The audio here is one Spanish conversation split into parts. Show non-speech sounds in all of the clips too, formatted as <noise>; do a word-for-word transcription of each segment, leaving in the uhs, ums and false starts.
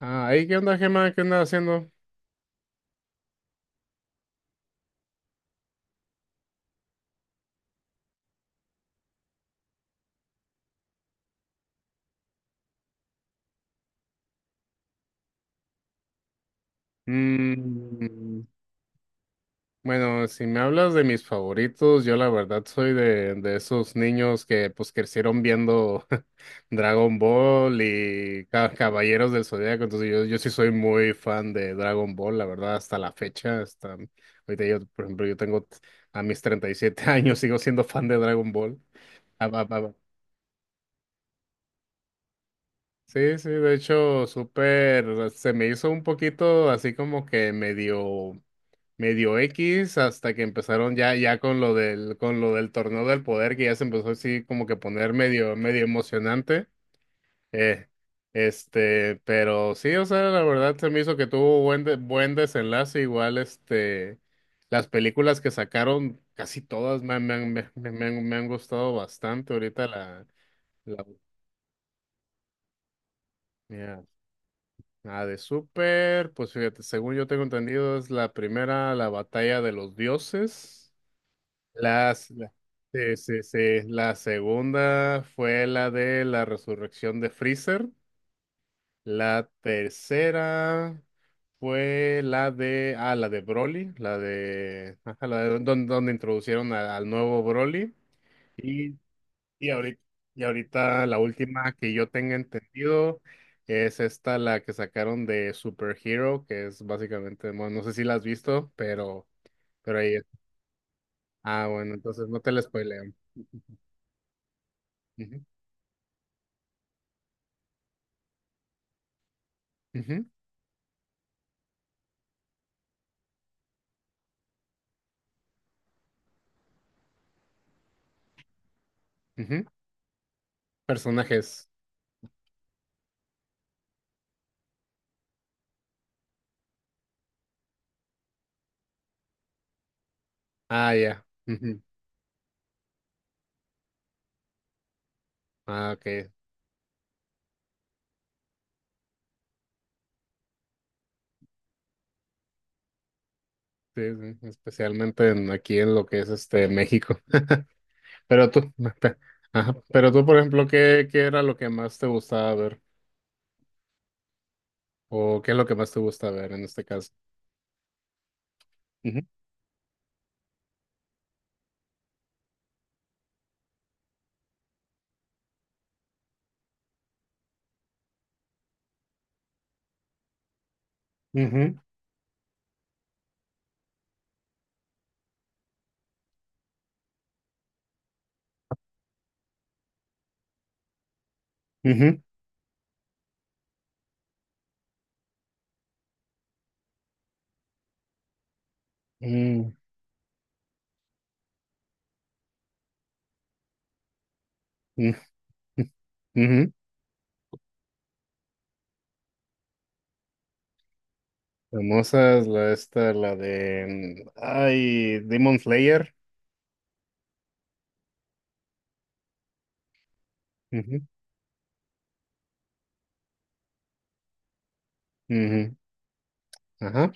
Ah, ahí, ¿qué onda, Gemma? ¿Qué andas haciendo? Mm, bueno, si me hablas de mis favoritos, yo la verdad soy de, de esos niños que pues crecieron viendo <laughs> Dragon Ball y Ca- Caballeros del Zodíaco, entonces yo, yo sí soy muy fan de Dragon Ball, la verdad, hasta la fecha, hasta ahorita yo, por ejemplo, yo tengo t- a mis treinta y siete <laughs> años, sigo siendo fan de Dragon Ball. Ah, va, va, va. Sí, sí, de hecho, súper, se me hizo un poquito así como que medio. Medio X hasta que empezaron ya, ya con lo del, con lo del torneo del poder, que ya se empezó así como que poner medio, medio emocionante. Eh, este, pero sí, o sea, la verdad se me hizo que tuvo buen, de- buen desenlace. Igual, este, las películas que sacaron, casi todas me, han- me, han- me, me, me han me han gustado bastante. Ahorita la, la, mira, la de Super, pues fíjate, según yo tengo entendido, es la primera, la batalla de los dioses. Las, la, sí, sí, sí. La segunda fue la de la resurrección de Freezer. La tercera fue la de, ah, la de Broly, la de, ajá, la de donde, donde introducieron a- al nuevo Broly. Y, y ahorita, y ahorita la última que yo tenga entendido es esta, la que sacaron de Super Hero, que es básicamente, bueno, no sé si la has visto, pero, pero ahí es. Ah, bueno, entonces no te la spoileo. Ujú, ujú. Ujú. Personajes. Ah, ya. Ujú. Ah, ok. Sí, sí, especialmente en- aquí en lo que es este México. <laughs> Pero tú, <laughs> ajá. Pero tú, por ejemplo, ¿qué, qué era lo que más te gustaba ver? ¿O qué es lo que más te gusta ver en este caso? Ujú, ujú, ujú, mm, mm, <laughs> ujú. Famosa es la esta, la de mm, ay, Demon Slayer. Ujú, ujú. Ajá.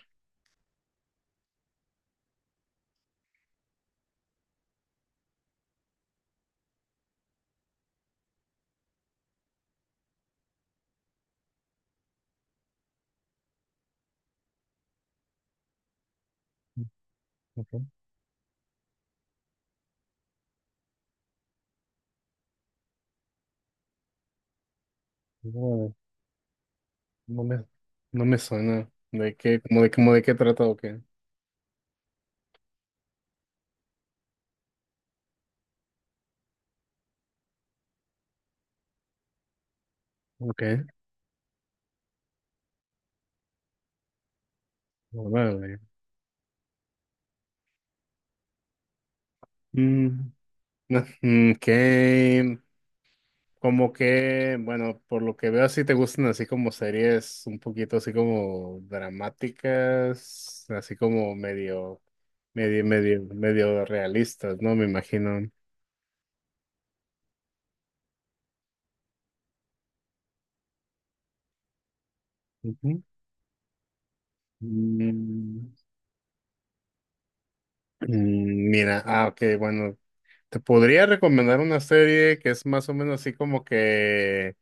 Ok. No me, no me suena. ¿De qué? ¿Cómo de, cómo de qué trata o qué? Ok. Órale. Mm, <laughs> No, mm, que, como que, bueno, por lo que veo, así te gustan así como series un poquito así como dramáticas, así como medio, medio, medio, medio realistas, ¿no? Me imagino. Ujú. Mm, mm, Mira, ah, ok, bueno, te podría recomendar una serie que es más o menos así como que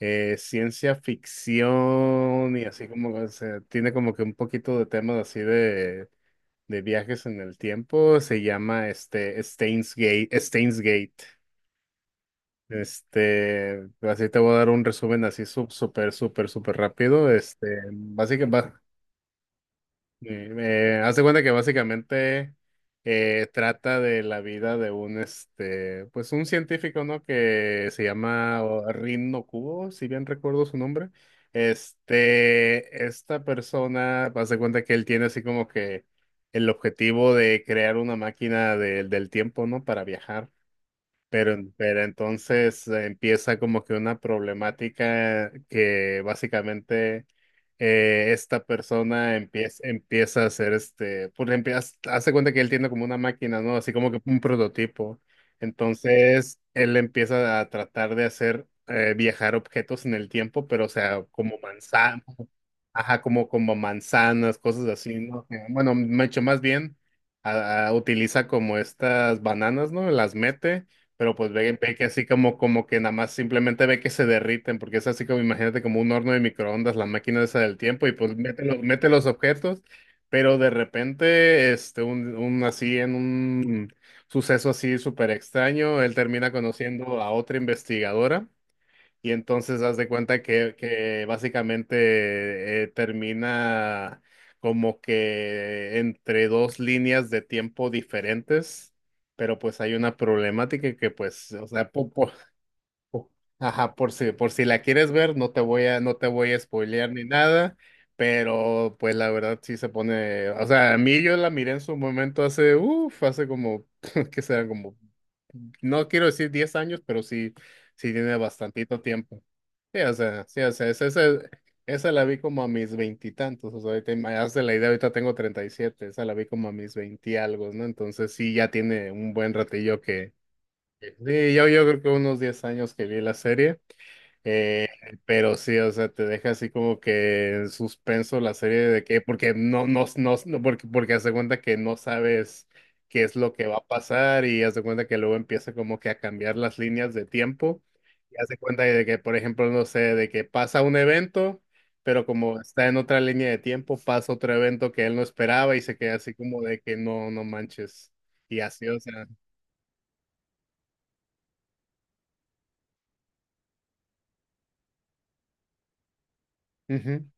eh, ciencia ficción y así como que se- tiene como que un poquito de temas así de, de viajes en el tiempo. Se llama este Steins Gate, Steins Gate. Este, así te voy a dar un resumen así súper, súper, súper rápido. Este, básicamente, eh, hace cuenta que básicamente eh, trata de la vida de un este, pues un científico, ¿no? Que se llama o- Rin no Kubo, si bien recuerdo su nombre. Este, esta persona, hace cuenta que él tiene así como que el objetivo de crear una máquina del del tiempo, ¿no? Para viajar. Pero, pero entonces eh, empieza como que una problemática que básicamente eh, esta persona empieza, empieza a hacer este, pues empieza, hace cuenta que él tiene como una máquina, ¿no? Así como que un prototipo. Entonces él empieza a tratar de hacer eh, viajar objetos en el tiempo, pero o sea, como manza ajá, como, como manzanas, cosas así, ¿no? Que, Bueno, mucho más bien a- a- utiliza como estas bananas, ¿no? Las mete, pero pues ve, ve que así como, como que nada más simplemente ve que se derriten, porque es así como, imagínate, como un horno de microondas, la máquina esa del tiempo, y pues mete los, mete los objetos, pero de repente, este, un, un así en un suceso así súper extraño, él termina conociendo a otra investigadora y entonces haz de cuenta que, que básicamente eh, termina como que entre dos líneas de tiempo diferentes, pero pues hay una problemática que pues, o sea, po- po- po- ajá, por si, por si la quieres ver, no te voy a, no te voy a spoilear ni nada, pero pues la verdad sí se pone, o sea, a mí yo la miré en su momento hace, uff, hace como, <laughs> que será como, no quiero decir diez años, pero sí, sí tiene bastantito tiempo. Sí, o sea, sí, o sea, esa, esa, esa la vi como a mis veintitantos, o sea, ahorita, hazte la idea, ahorita tengo treinta y siete, esa la vi como a mis veinti algo, ¿no? Entonces sí, ya tiene un buen ratillo que, que- sí, yo, yo creo que unos diez años que vi la serie, eh, pero sí, o sea, te deja así como que en suspenso la serie de que, porque no, no, no, no- porque, porque haz de cuenta que no sabes qué es lo que va a pasar y haz de cuenta que luego empieza como que a cambiar las líneas de tiempo y haz de cuenta de que, por ejemplo, no sé, de que pasa un evento, pero como está en otra línea de tiempo, pasa otro evento que él no esperaba y se queda así como de que no, no manches. Y así, o sea. Ujú.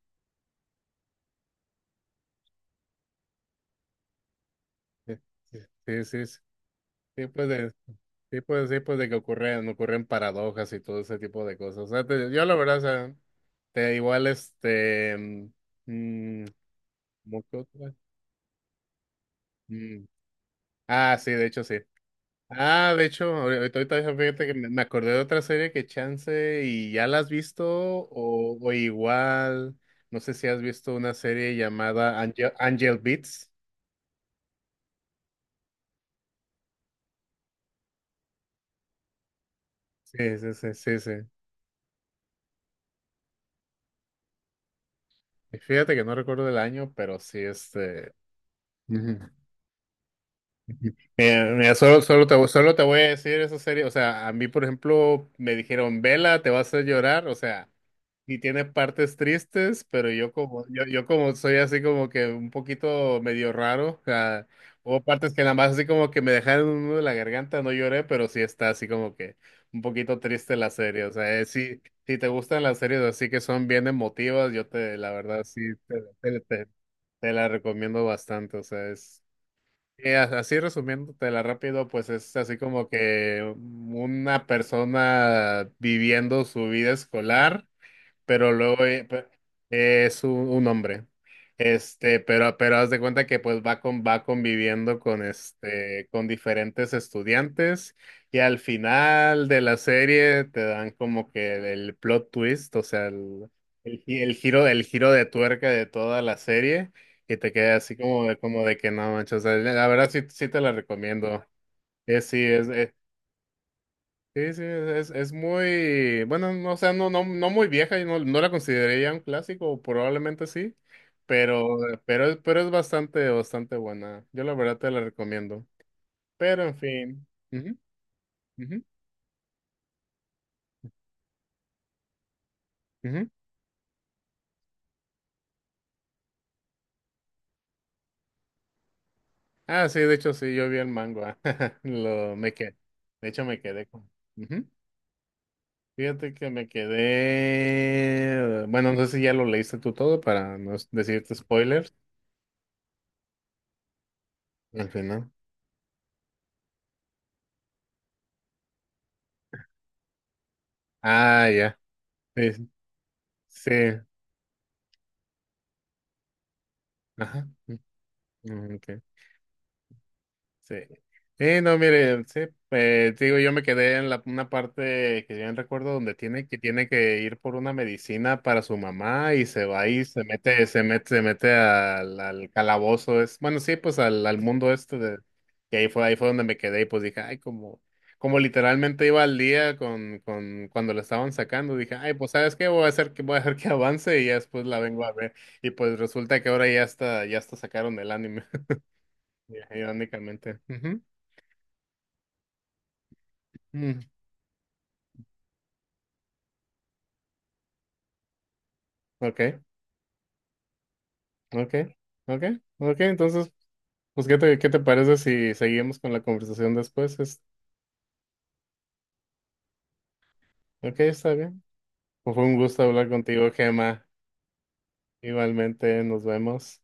Sí, sí, sí. Sí, sí, pues de, sí, pues, sí, pues de que ocurren, ocurren paradojas y todo ese tipo de cosas. O sea, te- yo la verdad, o sea, te igual este, mm, mm, ¿cómo que otra? Mm, ah, sí, de hecho sí. Ah, de hecho, ahori- ahorita, ahorita fíjate que me me acordé de otra serie que chance y ya la has visto o, o igual, no sé si has visto una serie llamada Angel, Angel Beats. Sí, sí, sí, sí, sí. Y fíjate que no recuerdo el año, pero sí, este. Ujú. Mira, mira, solo, solo te, voy- solo te voy a decir eso serio. O sea, a mí, por ejemplo, me dijeron, vela, te vas a hacer llorar. O sea, y tiene partes tristes, pero yo como, yo, yo como soy así como que un poquito medio raro. O sea, hubo partes que nada más así como que me dejaron un nudo en la garganta, no lloré, pero sí está así como que un poquito triste la serie. O sea, eh, sí, si te gustan las series así que son bien emotivas, yo te, la verdad, sí, te, te, te- te la recomiendo bastante. O sea, es. Y a- así resumiéndotela rápido, pues es así como que mm, una persona viviendo su vida escolar pero luego eh, pe- eh, es un, un hombre. Este, pero, pero haz de cuenta que pues va con, va conviviendo con este, con diferentes estudiantes, y al final de la serie te dan como que el, el plot twist, o sea, el, el, gi- el giro, el giro, de tuerca de toda la serie, y te queda así como de, como de que no manches, o sea, la verdad sí, sí te la recomiendo. Es sí, es. eh, Sí, sí, es, es muy, bueno, no, o sea, no, no, no muy vieja y no, no la consideraría un clásico, probablemente sí, pero, pero, es- pero es bastante, bastante buena. Yo la verdad te la recomiendo. Pero en fin. Ujú, ujú, ujú. Ah, sí, de hecho sí, yo vi el manga. <laughs> Lo, me quedé. De hecho me quedé con. Ujú. Fíjate que me quedé. Bueno, no sé si ya lo leíste tú todo para no decirte spoilers al final. Ah, ya. Sí, sí. Ajá. Ujú, ok, sí. Sí, no, mire, sí, eh, te digo, yo me quedé en la, una parte que bien recuerdo donde tiene que, tiene que ir por una medicina para su mamá y se va y se mete, se mete, se mete al, al calabozo, es, bueno, sí, pues al, al mundo este de, y ahí fue, ahí fue donde me quedé y pues dije, ay, como, como literalmente iba al día con, con, cuando lo estaban sacando, dije, ay, pues, ¿sabes qué? Voy a hacer que, voy a hacer que avance y ya después la vengo a ver. Y pues resulta que ahora ya está, ya está sacaron el anime. Ya, irónicamente. Ujú. Mm. Ok, ok, ok, ok. Entonces, pues, ¿qué te, qué te parece si seguimos con la conversación después? Es, ok, está bien. Pues fue un gusto hablar contigo, Gemma. Igualmente, nos vemos.